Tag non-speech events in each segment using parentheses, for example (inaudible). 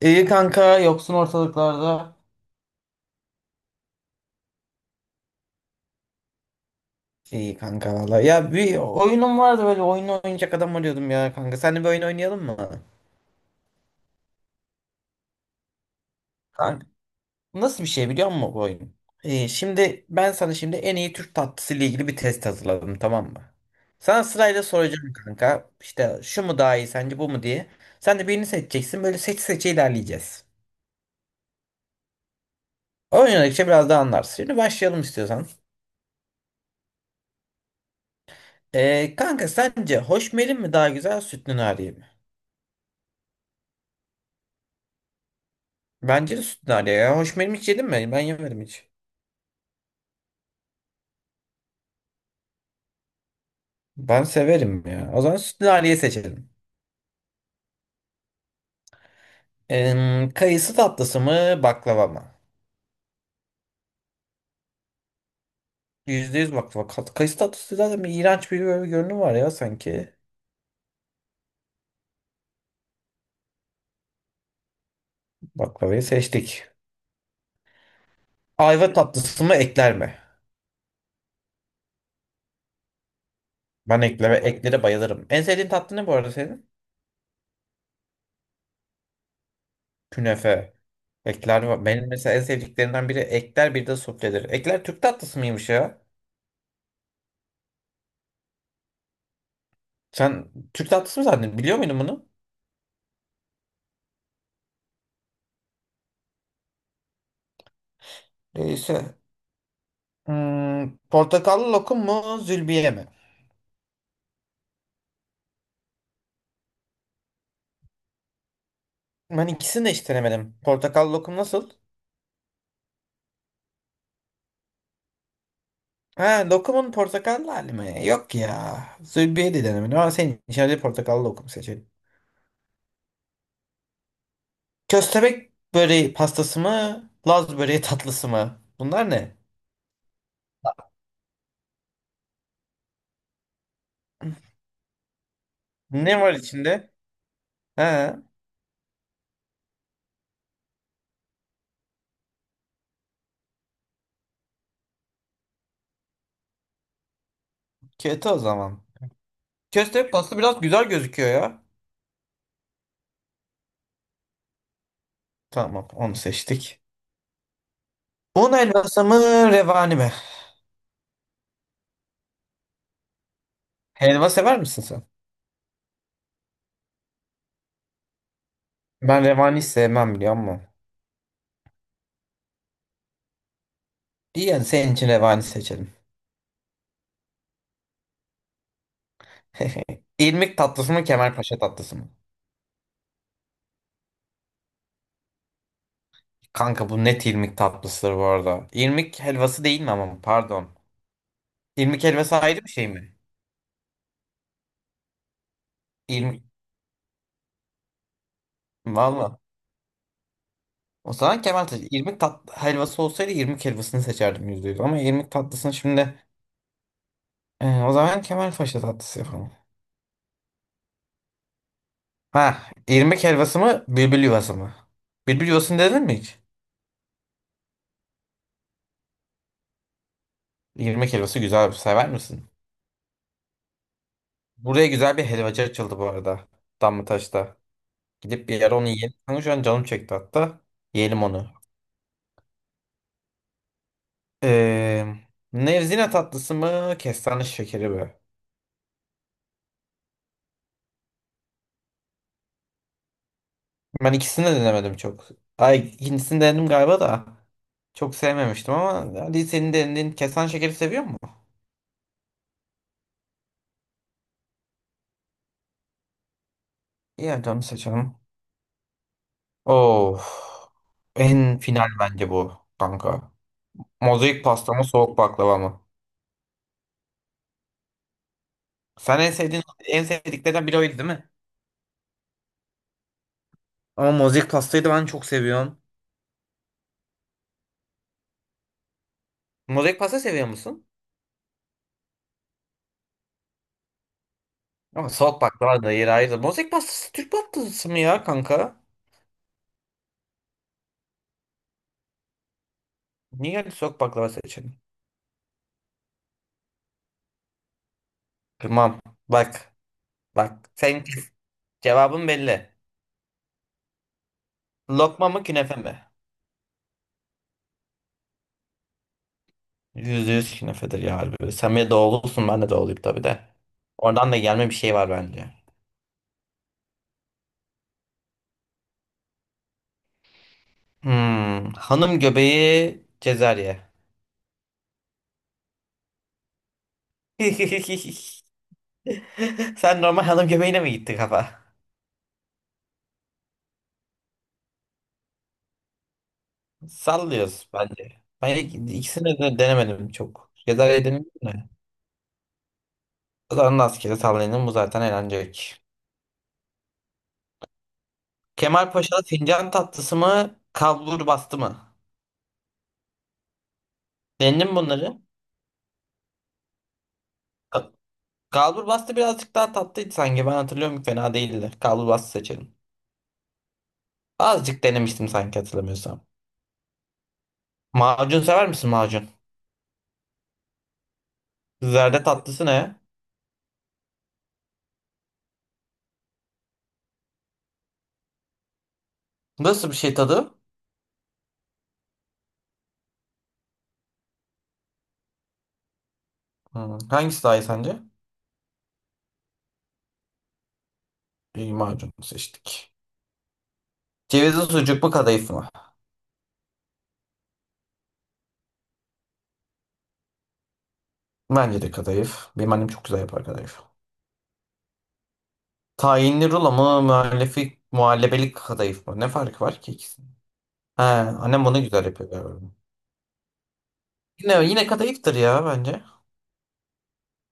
İyi kanka yoksun ortalıklarda. İyi kanka valla. Ya bir oyunum vardı böyle oyun oynayacak adam arıyordum ya kanka. Seninle bir oyun oynayalım mı? Kanka nasıl bir şey biliyor musun bu oyun? Şimdi ben sana şimdi en iyi Türk tatlısı ile ilgili bir test hazırladım tamam mı? Sana sırayla soracağım kanka. İşte şu mu daha iyi sence bu mu diye. Sen de birini seçeceksin böyle seç seçe ilerleyeceğiz. Oynadıkça biraz daha anlarsın. Şimdi başlayalım istiyorsan. Kanka sence hoşmelin mi daha güzel, sütlü nariye mi? Bence de sütlü lale ya. Hoş benim hiç yedin mi? Ben yemedim hiç. Ben severim ya. O zaman sütlü laleyi seçelim. Kayısı tatlısı mı baklava mı? %100 baklava. Kayısı tatlısı zaten bir iğrenç bir böyle bir görünüm var ya sanki. Baklavayı seçtik. Ayva tatlısı mı ekler mi? Ben ekleme, eklere bayılırım. En sevdiğin tatlı ne bu arada senin? Künefe. Ekler var. Benim mesela en sevdiklerinden biri ekler, bir de sufledir. Ekler Türk tatlısı mıymış ya? Sen Türk tatlısı mı zannediyorsun? Biliyor muydun bunu? Neyse. Portakallı lokum mu, zülbiye mi? Ben ikisini de hiç denemedim. Portakallı lokum nasıl? Ha, lokumun portakallı hali mi? Yok ya. Zülbiye de denemedim ama senin için hadi portakallı lokum seçelim. Köstebek böreği pastası mı, Laz böreği tatlısı mı? Bunlar ne? Ne var içinde? Ha, kötü o zaman. Köstebek pastası biraz güzel gözüküyor ya. Tamam, onu seçtik. Un helvası mı, revani mi? Helva sever misin sen? Ben revani sevmem biliyor musun? İyi yani senin için revani seçelim. (laughs) İrmik tatlısı mı Kemalpaşa tatlısı mı? Kanka bu net irmik tatlısıdır bu arada. İrmik helvası değil mi ama pardon. İrmik helvası ayrı bir şey mi? İrmik valla. O zaman Kemal Paşa. İrmik tat helvası olsaydı irmik helvasını seçerdim yüzde yüz. Ama irmik tatlısını şimdi o zaman Kemal Paşa tatlısı yapalım. Ha, irmik helvası mı bülbül yuvası mı? Bülbül yuvasını dedin mi hiç? İrmik helvası güzel, sever misin? Buraya güzel bir helvacı açıldı bu arada. Damlataş'ta. Gidip bir yere onu yiyelim. Kanka şu an canım çekti hatta. Yiyelim onu. Ee, Nevzine tatlısı mı, kestane şekeri mi? Ben ikisini de denemedim çok. Ay ikincisini denedim galiba da. Çok sevmemiştim ama hadi senin denediğin kestane şekeri seviyor mu? İyi hadi onu seçelim. Of. En final bence bu kanka. Mozaik pasta mı soğuk baklava mı? Sen en sevdiğin, en sevdiklerden biri oydu değil mi? Ama mozaik pastayı da ben çok seviyorum. Mozaik pasta seviyor musun? Ama soğuk baklava da yeri ayrı. Bozek pastası Türk pastası mı ya kanka? Niye geldi, soğuk baklava seçelim? Tamam. Bak. Bak. Sen, cevabın belli. Lokma mı künefe mi? Yüzde yüz künefedir ya harbi. Sen bir de doğulusun, ben de doğuluyum tabii de. Oradan da gelme bir şey var bence. Hmm. Hanım göbeği Cezarye. (laughs) Sen normal hanım göbeğine mi gitti kafa? Sallıyoruz bence. Ben ikisini de denemedim çok. Cezarye denemedim de. Zarını askeri sallayanın bu zaten eğlencelik. Kemal Paşa'da fincan tatlısı mı, kalbur bastı mı? Denedin mi bunları? Ka- Kalbur bastı birazcık daha tatlıydı sanki. Ben hatırlıyorum fena değildi. Kalbur bastı seçelim. Azıcık denemiştim sanki hatırlamıyorsam. Macun sever misin macun? Zerde tatlısı ne? Nasıl bir şey tadı? Hmm, hangisi daha iyi sence? İyi, macun seçtik. Cevizli sucuk mu kadayıf mı? Bence de kadayıf. Benim annem çok güzel yapar kadayıf. Tayinli rulo mu, muhallefi, muhallebelik kadayıf mı? Ne farkı var ki ikisinin? He, annem bunu güzel yapıyor galiba. Yine kadayıftır ya bence.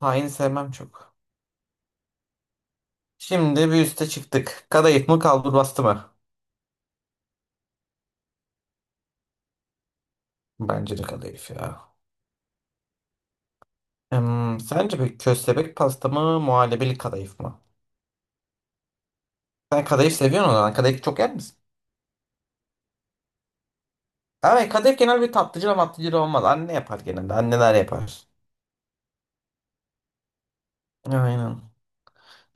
Tayin sevmem çok. Şimdi bir üste çıktık. Kadayıf mı, kalburbastı mı? Bence de kadayıf ya. Sence bir köstebek pasta mı, muhallebelik kadayıf mı? Sen kadayıf seviyorsun o zaman. Kadayıf çok yer misin? Evet, kadayıf genel bir tatlıcıla matlıcıla olmaz. Anne yapar genelde. Anneler yapar. Aynen.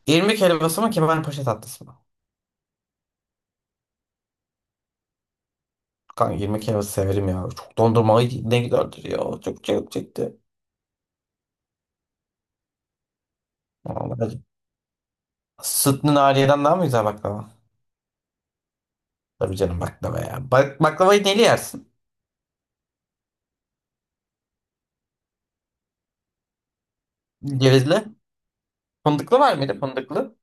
İrmik helvası mı, kemalpaşa tatlısı mı? Kanka irmik helvası severim ya. Çok dondurmalı ne giderdir ya. Çok çekti. Vallahi. Sütlü nariyeden daha mı güzel baklava? Tabii canım baklava ya. Bak, baklavayı neli yersin? Cevizli. Fındıklı var mıydı fındıklı?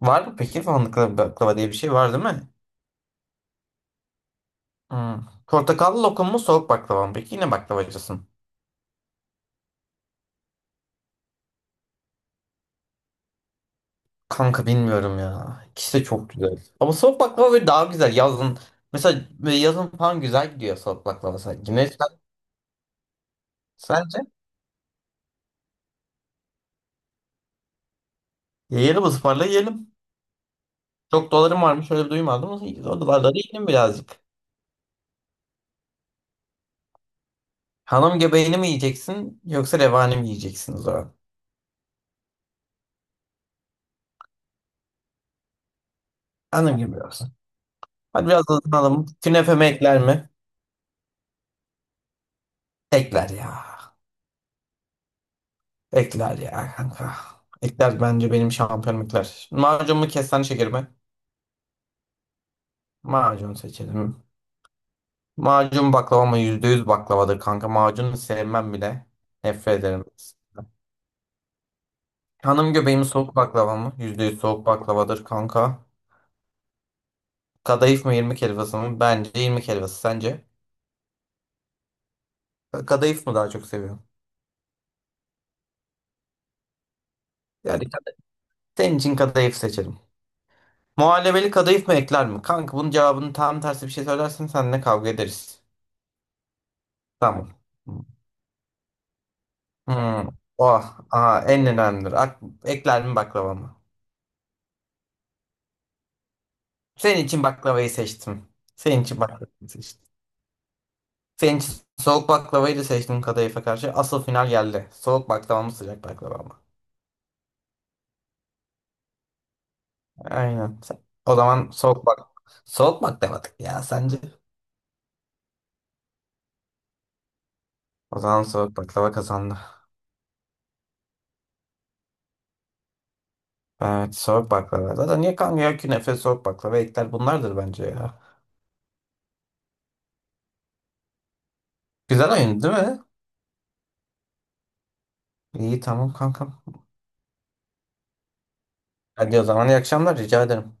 Var mı peki fındıklı baklava diye bir şey var değil mi? Hmm. Portakallı lokum mu soğuk baklava mı? Peki yine baklavacısın. Kanka bilmiyorum ya. İkisi de çok güzel. Ama soğuk baklava böyle daha güzel yazın. Mesela böyle yazın falan güzel gidiyor soğuk baklava sanki. Ne sence? Yiyelim, ısmarla yiyelim. Çok dolarım varmış öyle bir duymadım, ama o dolarları yedim birazcık. Hanım göbeğini mi yiyeceksin yoksa revani mi yiyeceksin o zaman? Hanım gibi olsun. Hadi biraz hızlanalım. Künefe mi ekler mi? Ekler ya. Ekler ya kanka. Ekler bence, benim şampiyonum ekler. Macun mu kestane şeker mi? Macun seçelim. Macun baklava mı? Yüz baklavadır kanka. Macunu sevmem bile. Nefret ederim. Hanım göbeği soğuk baklava mı? %100 soğuk baklavadır kanka. Kadayıf mı irmik helvası mı? Bence irmik helvası. Sence? Kadayıf mı daha çok seviyorum? Yani senin için kadayıf seçelim. Muhallebeli kadayıf mı ekler mi? Kanka bunun cevabını tam tersi bir şey söylersen seninle kavga ederiz. Tamam. Hmm. Oh, aha, en önemlidir. Ak, ekler mi baklava mı? Senin için baklavayı seçtim. Senin için baklavayı seçtim. Senin için soğuk baklavayı da seçtim kadayıfa karşı. Asıl final geldi. Soğuk baklava mı sıcak baklava mı? Aynen. O zaman soğuk bak. Soğuk baklava ya sence? O zaman soğuk baklava kazandı. Evet, soğuk baklava. Zaten niye kanka ya, künefe, soğuk baklava, ekler bunlardır bence ya. Güzel oyun değil mi? İyi tamam kankam. Hadi o zaman iyi akşamlar, rica ederim.